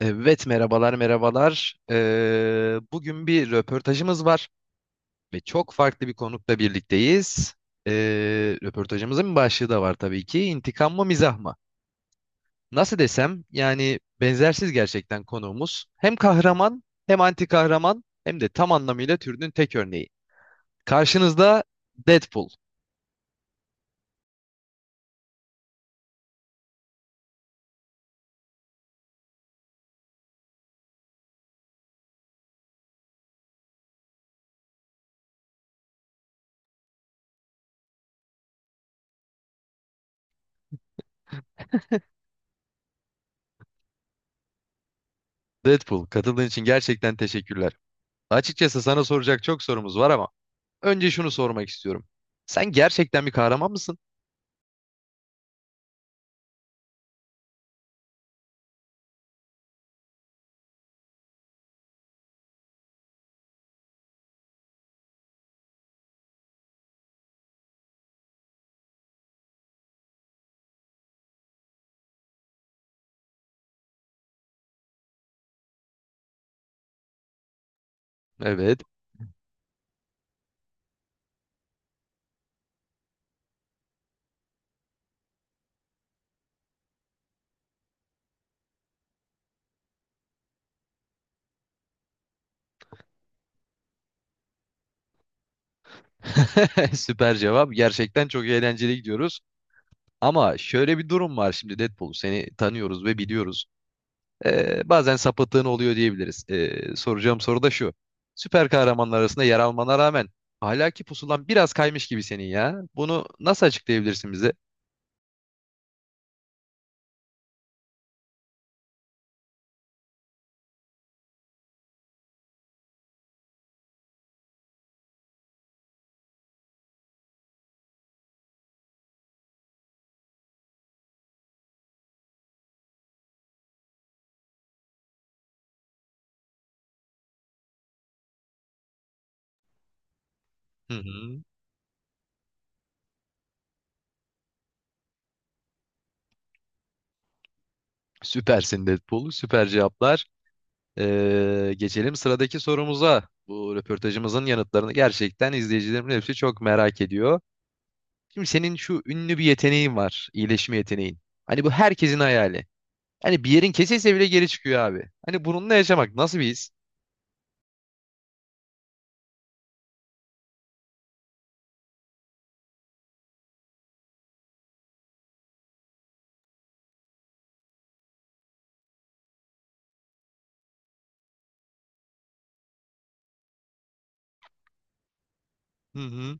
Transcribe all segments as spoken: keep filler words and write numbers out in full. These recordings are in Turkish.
Evet, merhabalar merhabalar. Ee, bugün bir röportajımız var ve çok farklı bir konukla birlikteyiz. Ee, röportajımızın bir başlığı da var tabii ki. İntikam mı, mizah mı? Nasıl desem, yani benzersiz gerçekten konuğumuz. Hem kahraman, hem anti kahraman, hem de tam anlamıyla türünün tek örneği. Karşınızda Deadpool. Deadpool, katıldığın için gerçekten teşekkürler. Açıkçası sana soracak çok sorumuz var ama önce şunu sormak istiyorum. Sen gerçekten bir kahraman mısın? Evet. Süper cevap. Gerçekten çok eğlenceli gidiyoruz. Ama şöyle bir durum var şimdi Deadpool. Seni tanıyoruz ve biliyoruz. Ee, bazen sapıttığın oluyor diyebiliriz. Ee, soracağım soru da şu. Süper kahramanlar arasında yer almana rağmen ahlaki pusulan biraz kaymış gibi senin ya. Bunu nasıl açıklayabilirsin bize? Hı hı. Süpersin Deadpool. Süper cevaplar. Ee, geçelim sıradaki sorumuza. Bu röportajımızın yanıtlarını gerçekten izleyicilerimin hepsi çok merak ediyor. Şimdi senin şu ünlü bir yeteneğin var. İyileşme yeteneğin. Hani bu herkesin hayali. Hani bir yerin kesilse bile geri çıkıyor abi. Hani bununla yaşamak nasıl bir his? Hı hı.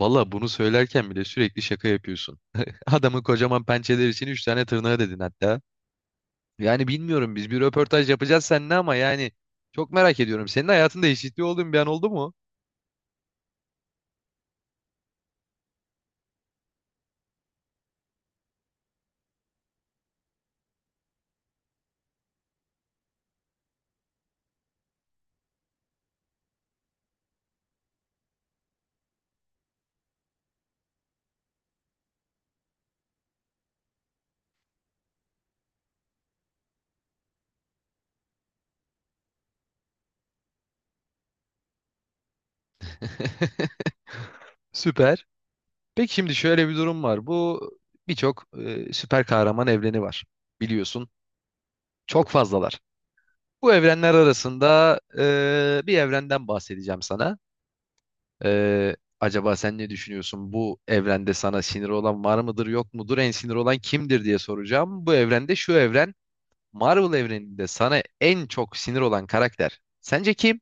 Valla bunu söylerken bile sürekli şaka yapıyorsun. Adamın kocaman pençeleri için üç tane tırnağı dedin hatta. Yani bilmiyorum, biz bir röportaj yapacağız seninle ama yani çok merak ediyorum. Senin hayatında eşitliği olduğun bir an oldu mu? Süper. Peki şimdi şöyle bir durum var. Bu birçok e, süper kahraman evreni var. Biliyorsun. Çok fazlalar. Bu evrenler arasında e, bir evrenden bahsedeceğim sana. E, acaba sen ne düşünüyorsun? Bu evrende sana sinir olan var mıdır, yok mudur? En sinir olan kimdir diye soracağım. Bu evrende, şu evren, Marvel evreninde sana en çok sinir olan karakter. Sence kim?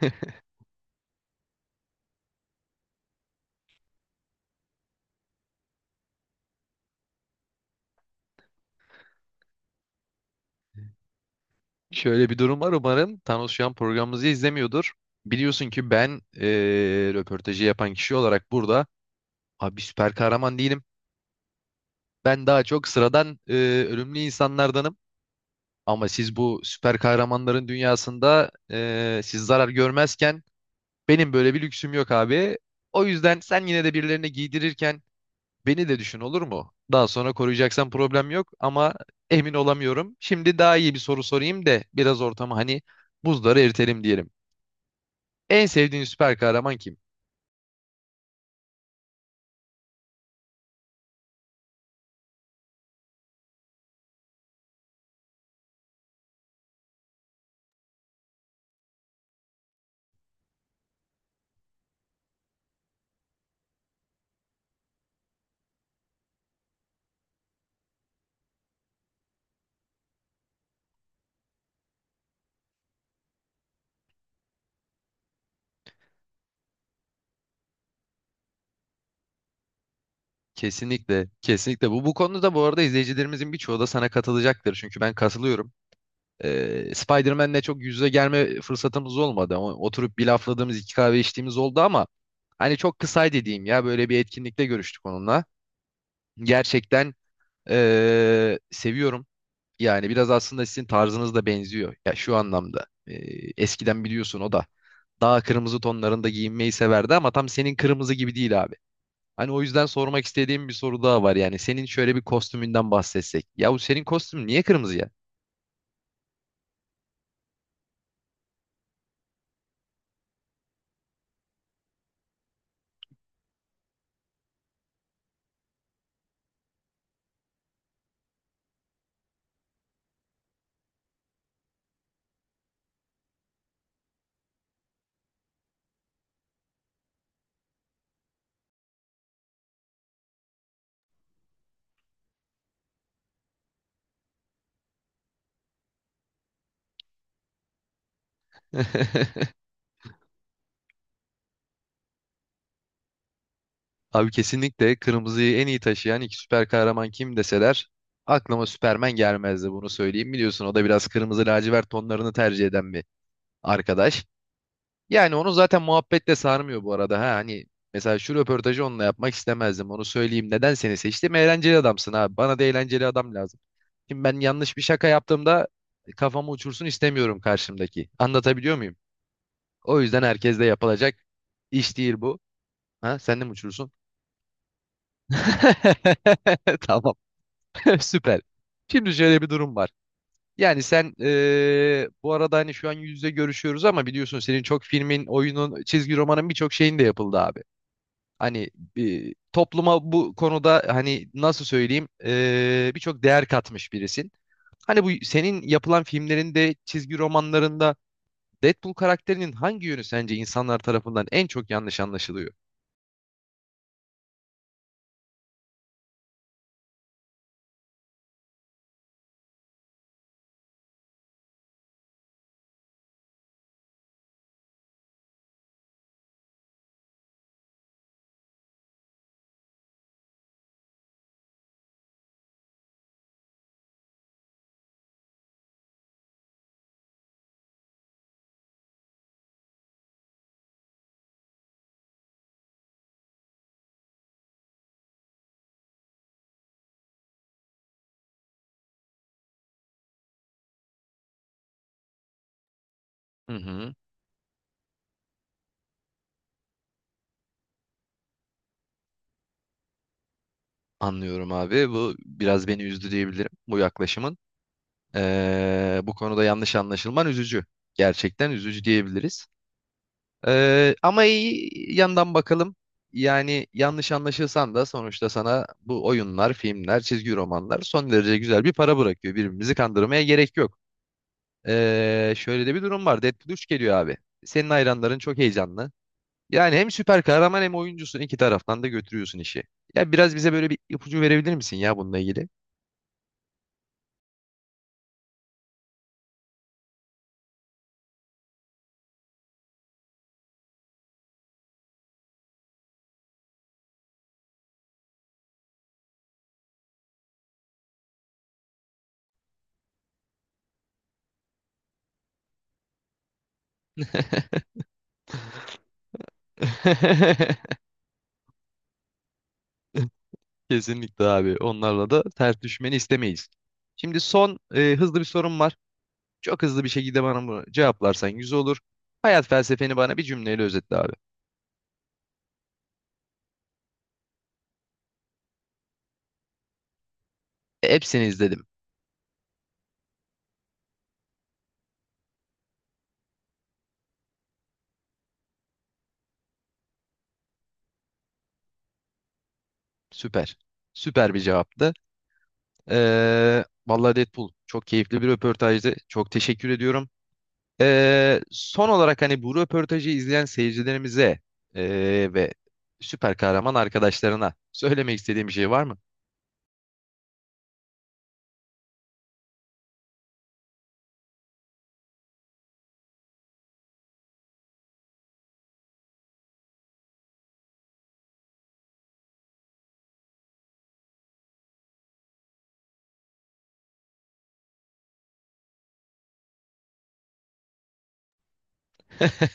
Şöyle bir durum var umarım. Thanos şu an programımızı izlemiyordur. Biliyorsun ki ben eee, röportajı yapan kişi olarak burada abi süper kahraman değilim. Ben daha çok sıradan eee, ölümlü insanlardanım. Ama siz bu süper kahramanların dünyasında, eee, siz zarar görmezken benim böyle bir lüksüm yok abi. O yüzden sen yine de birilerine giydirirken beni de düşün, olur mu? Daha sonra koruyacaksan problem yok ama emin olamıyorum. Şimdi daha iyi bir soru sorayım da biraz ortamı, hani buzları eritelim diyelim. En sevdiğin süper kahraman kim? Kesinlikle, kesinlikle bu. Bu konuda bu arada izleyicilerimizin birçoğu da sana katılacaktır. Çünkü ben katılıyorum. Ee, Spider-Man'le çok yüz yüze gelme fırsatımız olmadı. O- Oturup bir lafladığımız, iki kahve içtiğimiz oldu ama hani çok kısaydı diyeyim ya. Böyle bir etkinlikte görüştük onunla. Gerçekten ee, seviyorum. Yani biraz aslında sizin tarzınız da benziyor. Ya şu anlamda. Ee, eskiden biliyorsun o da daha kırmızı tonlarında giyinmeyi severdi ama tam senin kırmızı gibi değil abi. Hani o yüzden sormak istediğim bir soru daha var. Yani senin şöyle bir kostümünden bahsetsek. Ya bu senin kostüm niye kırmızı ya? Abi kesinlikle kırmızıyı en iyi taşıyan iki süper kahraman kim deseler aklıma Superman gelmezdi, bunu söyleyeyim. Biliyorsun o da biraz kırmızı lacivert tonlarını tercih eden bir arkadaş. Yani onu zaten muhabbetle sarmıyor bu arada. Ha, hani mesela şu röportajı onunla yapmak istemezdim, onu söyleyeyim. Neden seni seçtim? Eğlenceli adamsın abi. Bana da eğlenceli adam lazım. Şimdi ben yanlış bir şaka yaptığımda kafamı uçursun istemiyorum karşımdaki. Anlatabiliyor muyum? O yüzden herkes yapılacak iş değil bu. Ha, sen de mi uçursun? Tamam. Süper. Şimdi şöyle bir durum var. Yani sen, eee, bu arada hani şu an yüz yüze görüşüyoruz ama biliyorsun senin çok filmin, oyunun, çizgi romanın, birçok şeyin de yapıldı abi. Hani e, topluma bu konuda hani nasıl söyleyeyim eee, birçok değer katmış birisin. Hani bu senin yapılan filmlerinde, çizgi romanlarında Deadpool karakterinin hangi yönü sence insanlar tarafından en çok yanlış anlaşılıyor? Hı hı, anlıyorum abi. Bu biraz beni üzdü diyebilirim bu yaklaşımın. Ee, bu konuda yanlış anlaşılman üzücü. Gerçekten üzücü diyebiliriz. Ee, ama iyi yandan bakalım. Yani yanlış anlaşılsan da sonuçta sana bu oyunlar, filmler, çizgi romanlar son derece güzel bir para bırakıyor. Birbirimizi kandırmaya gerek yok. Ee, şöyle de bir durum var. Deadpool üç geliyor abi. Senin hayranların çok heyecanlı. Yani hem süper kahraman, hem oyuncusun. İki taraftan da götürüyorsun işi. Ya biraz bize böyle bir ipucu verebilir misin ya bununla ilgili? Kesinlikle abi. Onlarla da ters düşmeni istemeyiz. Şimdi son e, hızlı bir sorum var. Çok hızlı bir şekilde bana bunu cevaplarsan yüz olur. Hayat felsefeni bana bir cümleyle özetle abi. E, hepsini izledim. Süper. Süper bir cevaptı. Ee, vallahi Deadpool çok keyifli bir röportajdı. Çok teşekkür ediyorum. Ee, son olarak hani bu röportajı izleyen seyircilerimize ee, ve süper kahraman arkadaşlarına söylemek istediğim bir şey var mı?